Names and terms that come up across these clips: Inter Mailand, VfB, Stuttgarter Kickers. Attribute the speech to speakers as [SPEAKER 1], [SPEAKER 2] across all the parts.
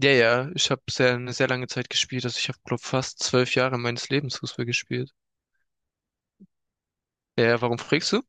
[SPEAKER 1] Ja, ja, ich habe eine sehr lange Zeit gespielt. Also ich habe, glaube, fast 12 Jahre meines Lebens Fußball gespielt. Ja, ja, warum fragst du?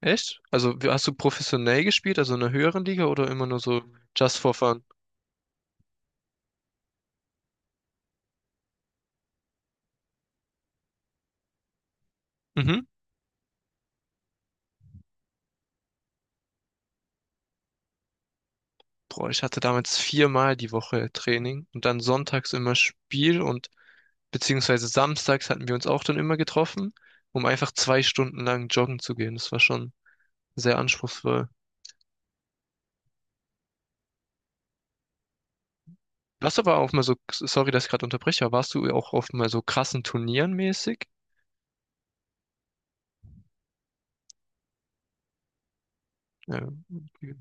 [SPEAKER 1] Echt? Also hast du professionell gespielt, also in einer höheren Liga oder immer nur so just for fun? Mhm. Boah, ich hatte damals viermal die Woche Training und dann sonntags immer Spiel und beziehungsweise samstags hatten wir uns auch dann immer getroffen, um einfach 2 Stunden lang joggen zu gehen. Das war schon sehr anspruchsvoll. Warst du aber auch mal so, sorry, dass ich gerade unterbreche, aber warst du auch oft mal so krassen Turnieren mäßig? Ja. Okay.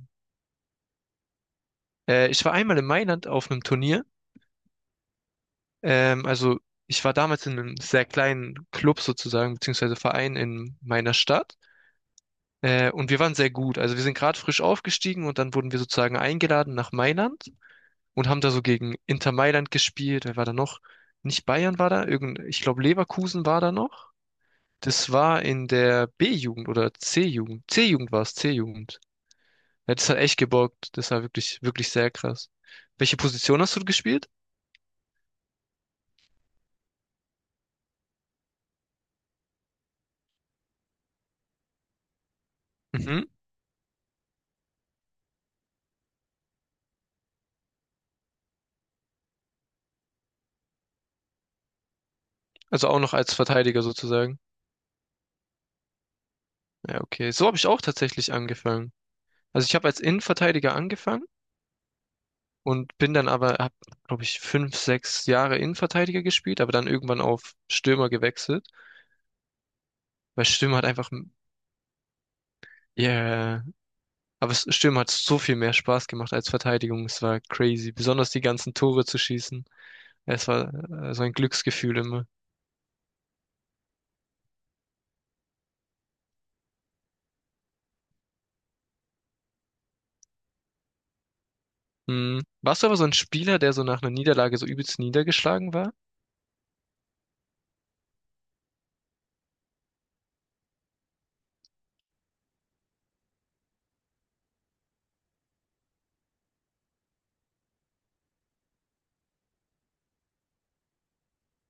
[SPEAKER 1] Ich war einmal in Mailand auf einem Turnier. Also ich war damals in einem sehr kleinen Club sozusagen, beziehungsweise Verein in meiner Stadt. Und wir waren sehr gut. Also wir sind gerade frisch aufgestiegen und dann wurden wir sozusagen eingeladen nach Mailand und haben da so gegen Inter Mailand gespielt. Wer war da noch? Nicht Bayern war da, ich glaube Leverkusen war da noch. Das war in der B-Jugend oder C-Jugend. C-Jugend war es, C-Jugend. Ja, das hat echt gebockt. Das war wirklich, wirklich sehr krass. Welche Position hast du gespielt? Mhm. Also auch noch als Verteidiger sozusagen. Ja, okay. So habe ich auch tatsächlich angefangen. Also ich habe als Innenverteidiger angefangen und habe, glaube ich, 5, 6 Jahre Innenverteidiger gespielt, aber dann irgendwann auf Stürmer gewechselt, weil Stürmer hat einfach, yeah, aber es- Stürmer hat so viel mehr Spaß gemacht als Verteidigung. Es war crazy, besonders die ganzen Tore zu schießen. Es war so ein Glücksgefühl immer. Hm. Warst du aber so ein Spieler, der so nach einer Niederlage so übelst niedergeschlagen war?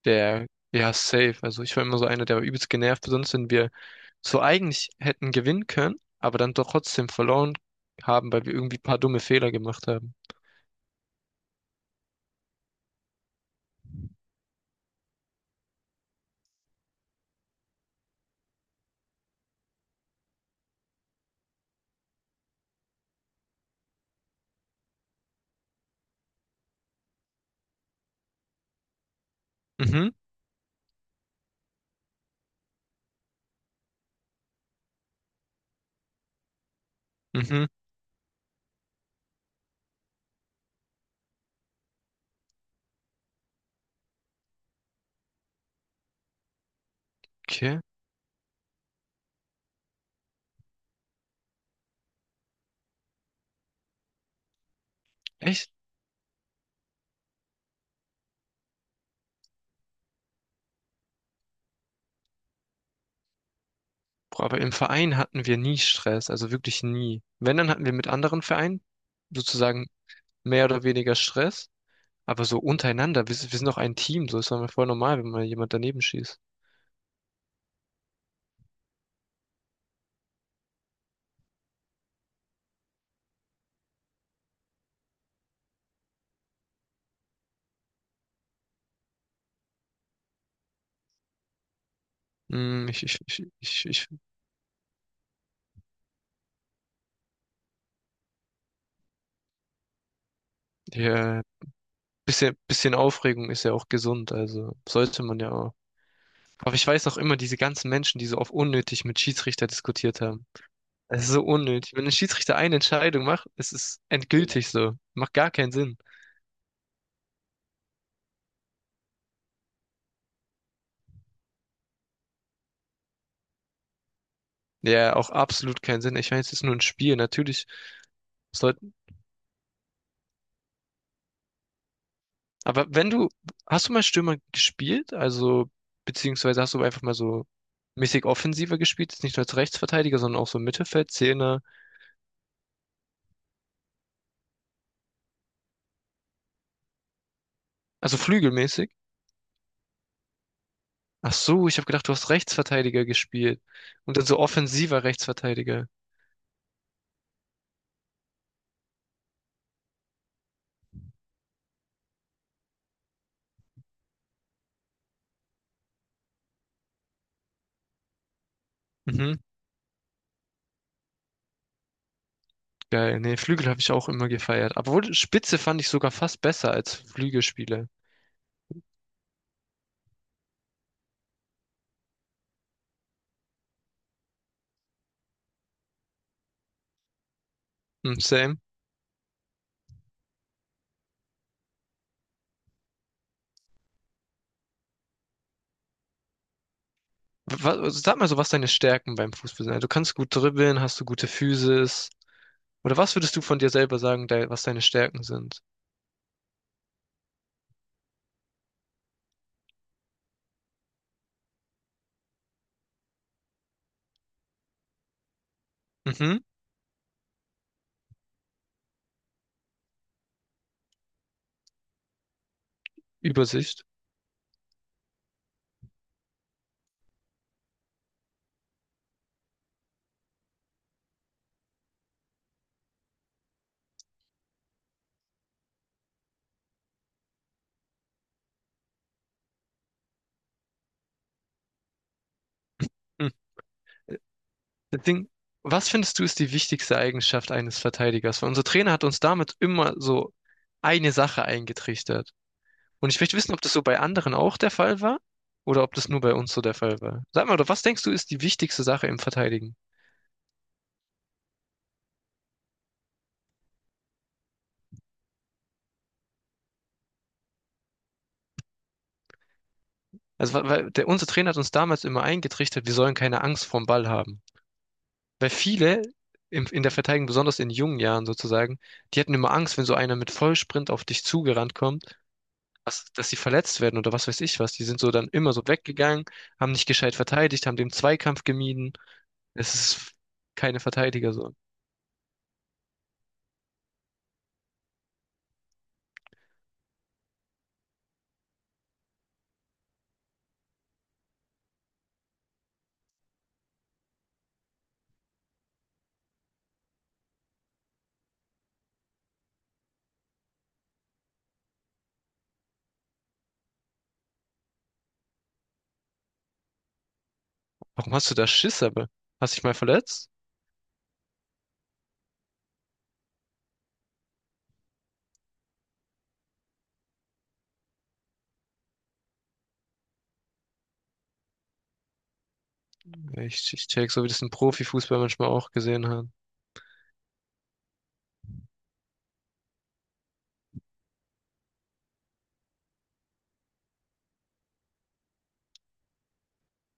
[SPEAKER 1] Der, ja, safe. Also ich war immer so einer, der übelst genervt, sonst wenn wir so eigentlich hätten gewinnen können, aber dann doch trotzdem verloren haben, weil wir irgendwie ein paar dumme Fehler gemacht haben. Mhm, mhm, okay. Echt? Boah, aber im Verein hatten wir nie Stress, also wirklich nie. Wenn, dann hatten wir mit anderen Vereinen sozusagen mehr oder weniger Stress, aber so untereinander, wir sind doch ein Team, so ist doch mal voll normal, wenn mal jemand daneben schießt. Hm, ja, bisschen Aufregung ist ja auch gesund, also sollte man ja auch. Aber ich weiß noch immer, diese ganzen Menschen, die so oft unnötig mit Schiedsrichter diskutiert haben. Es ist so unnötig. Wenn ein Schiedsrichter eine Entscheidung macht, es ist endgültig so. Macht gar keinen Sinn. Ja, auch absolut keinen Sinn. Ich meine, es ist nur ein Spiel. Natürlich sollten. Aber wenn du, hast du mal Stürmer gespielt? Also, beziehungsweise hast du einfach mal so mäßig offensiver gespielt? Jetzt nicht nur als Rechtsverteidiger, sondern auch so Mittelfeld, Zehner, also flügelmäßig? Ach so, ich habe gedacht, du hast Rechtsverteidiger gespielt. Und dann so offensiver Rechtsverteidiger. Mhm, geil. Nee, Flügel habe ich auch immer gefeiert. Obwohl, Spitze fand ich sogar fast besser als Flügelspieler. Hm, same. Sag mal so, was deine Stärken beim Fußball sind. Also, du kannst gut dribbeln, hast du gute Physis. Oder was würdest du von dir selber sagen, de was deine Stärken sind? Mhm, Übersicht. Hm. Das Ding, was findest du, ist die wichtigste Eigenschaft eines Verteidigers? Weil unser Trainer hat uns damit immer so eine Sache eingetrichtert. Und ich möchte wissen, ob das so bei anderen auch der Fall war oder ob das nur bei uns so der Fall war. Sag mal, doch, was denkst du, ist die wichtigste Sache im Verteidigen? Also, weil der, unser Trainer hat uns damals immer eingetrichtert, wir sollen keine Angst vorm Ball haben. Weil viele in der Verteidigung, besonders in jungen Jahren sozusagen, die hatten immer Angst, wenn so einer mit Vollsprint auf dich zugerannt kommt, dass sie verletzt werden oder was weiß ich was. Die sind so dann immer so weggegangen, haben nicht gescheit verteidigt, haben den Zweikampf gemieden. Es ist keine Verteidiger so. Warum hast du da Schiss aber? Hast dich mal verletzt? Ich check, so wie das ein Profifußball manchmal auch gesehen hat.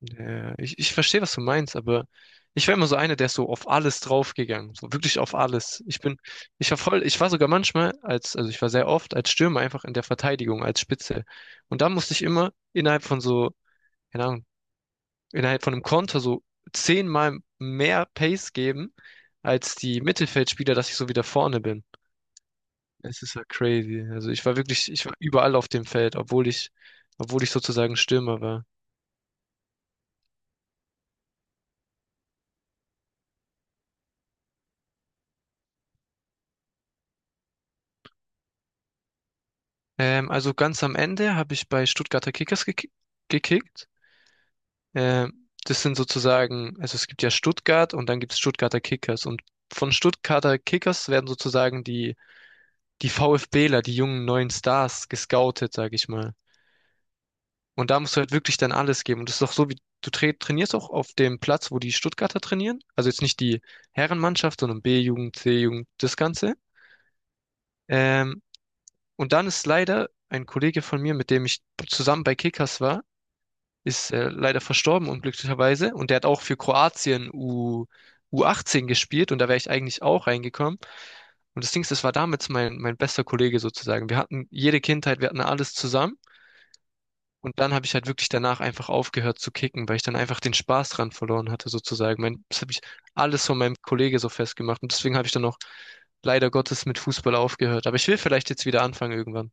[SPEAKER 1] Ja, ich verstehe, was du meinst, aber ich war immer so einer, der ist so auf alles draufgegangen, so wirklich auf alles. Ich bin, ich war voll, ich war sogar manchmal als, also ich war sehr oft als Stürmer einfach in der Verteidigung, als Spitze. Und da musste ich immer innerhalb von so, keine Ahnung, innerhalb von einem Konter so zehnmal mehr Pace geben als die Mittelfeldspieler, dass ich so wieder vorne bin. Es ist ja crazy. Also ich war überall auf dem Feld, obwohl ich sozusagen Stürmer war. Also ganz am Ende habe ich bei Stuttgarter Kickers gekickt. Das sind sozusagen, also es gibt ja Stuttgart und dann gibt es Stuttgarter Kickers. Und von Stuttgarter Kickers werden sozusagen die VfBler, die jungen neuen Stars, gescoutet, sag ich mal. Und da musst du halt wirklich dann alles geben. Und das ist doch so, wie du trainierst auch auf dem Platz, wo die Stuttgarter trainieren. Also jetzt nicht die Herrenmannschaft, sondern B-Jugend, C-Jugend, das Ganze. Ähm, und dann ist leider ein Kollege von mir, mit dem ich zusammen bei Kickers war, ist leider verstorben, unglücklicherweise. Und der hat auch für Kroatien U18 gespielt und da wäre ich eigentlich auch reingekommen. Und das Ding ist, das war damals mein bester Kollege sozusagen. Wir hatten jede Kindheit, wir hatten alles zusammen. Und dann habe ich halt wirklich danach einfach aufgehört zu kicken, weil ich dann einfach den Spaß dran verloren hatte, sozusagen. Das habe ich alles von meinem Kollege so festgemacht. Und deswegen habe ich dann auch leider Gottes mit Fußball aufgehört. Aber ich will vielleicht jetzt wieder anfangen irgendwann.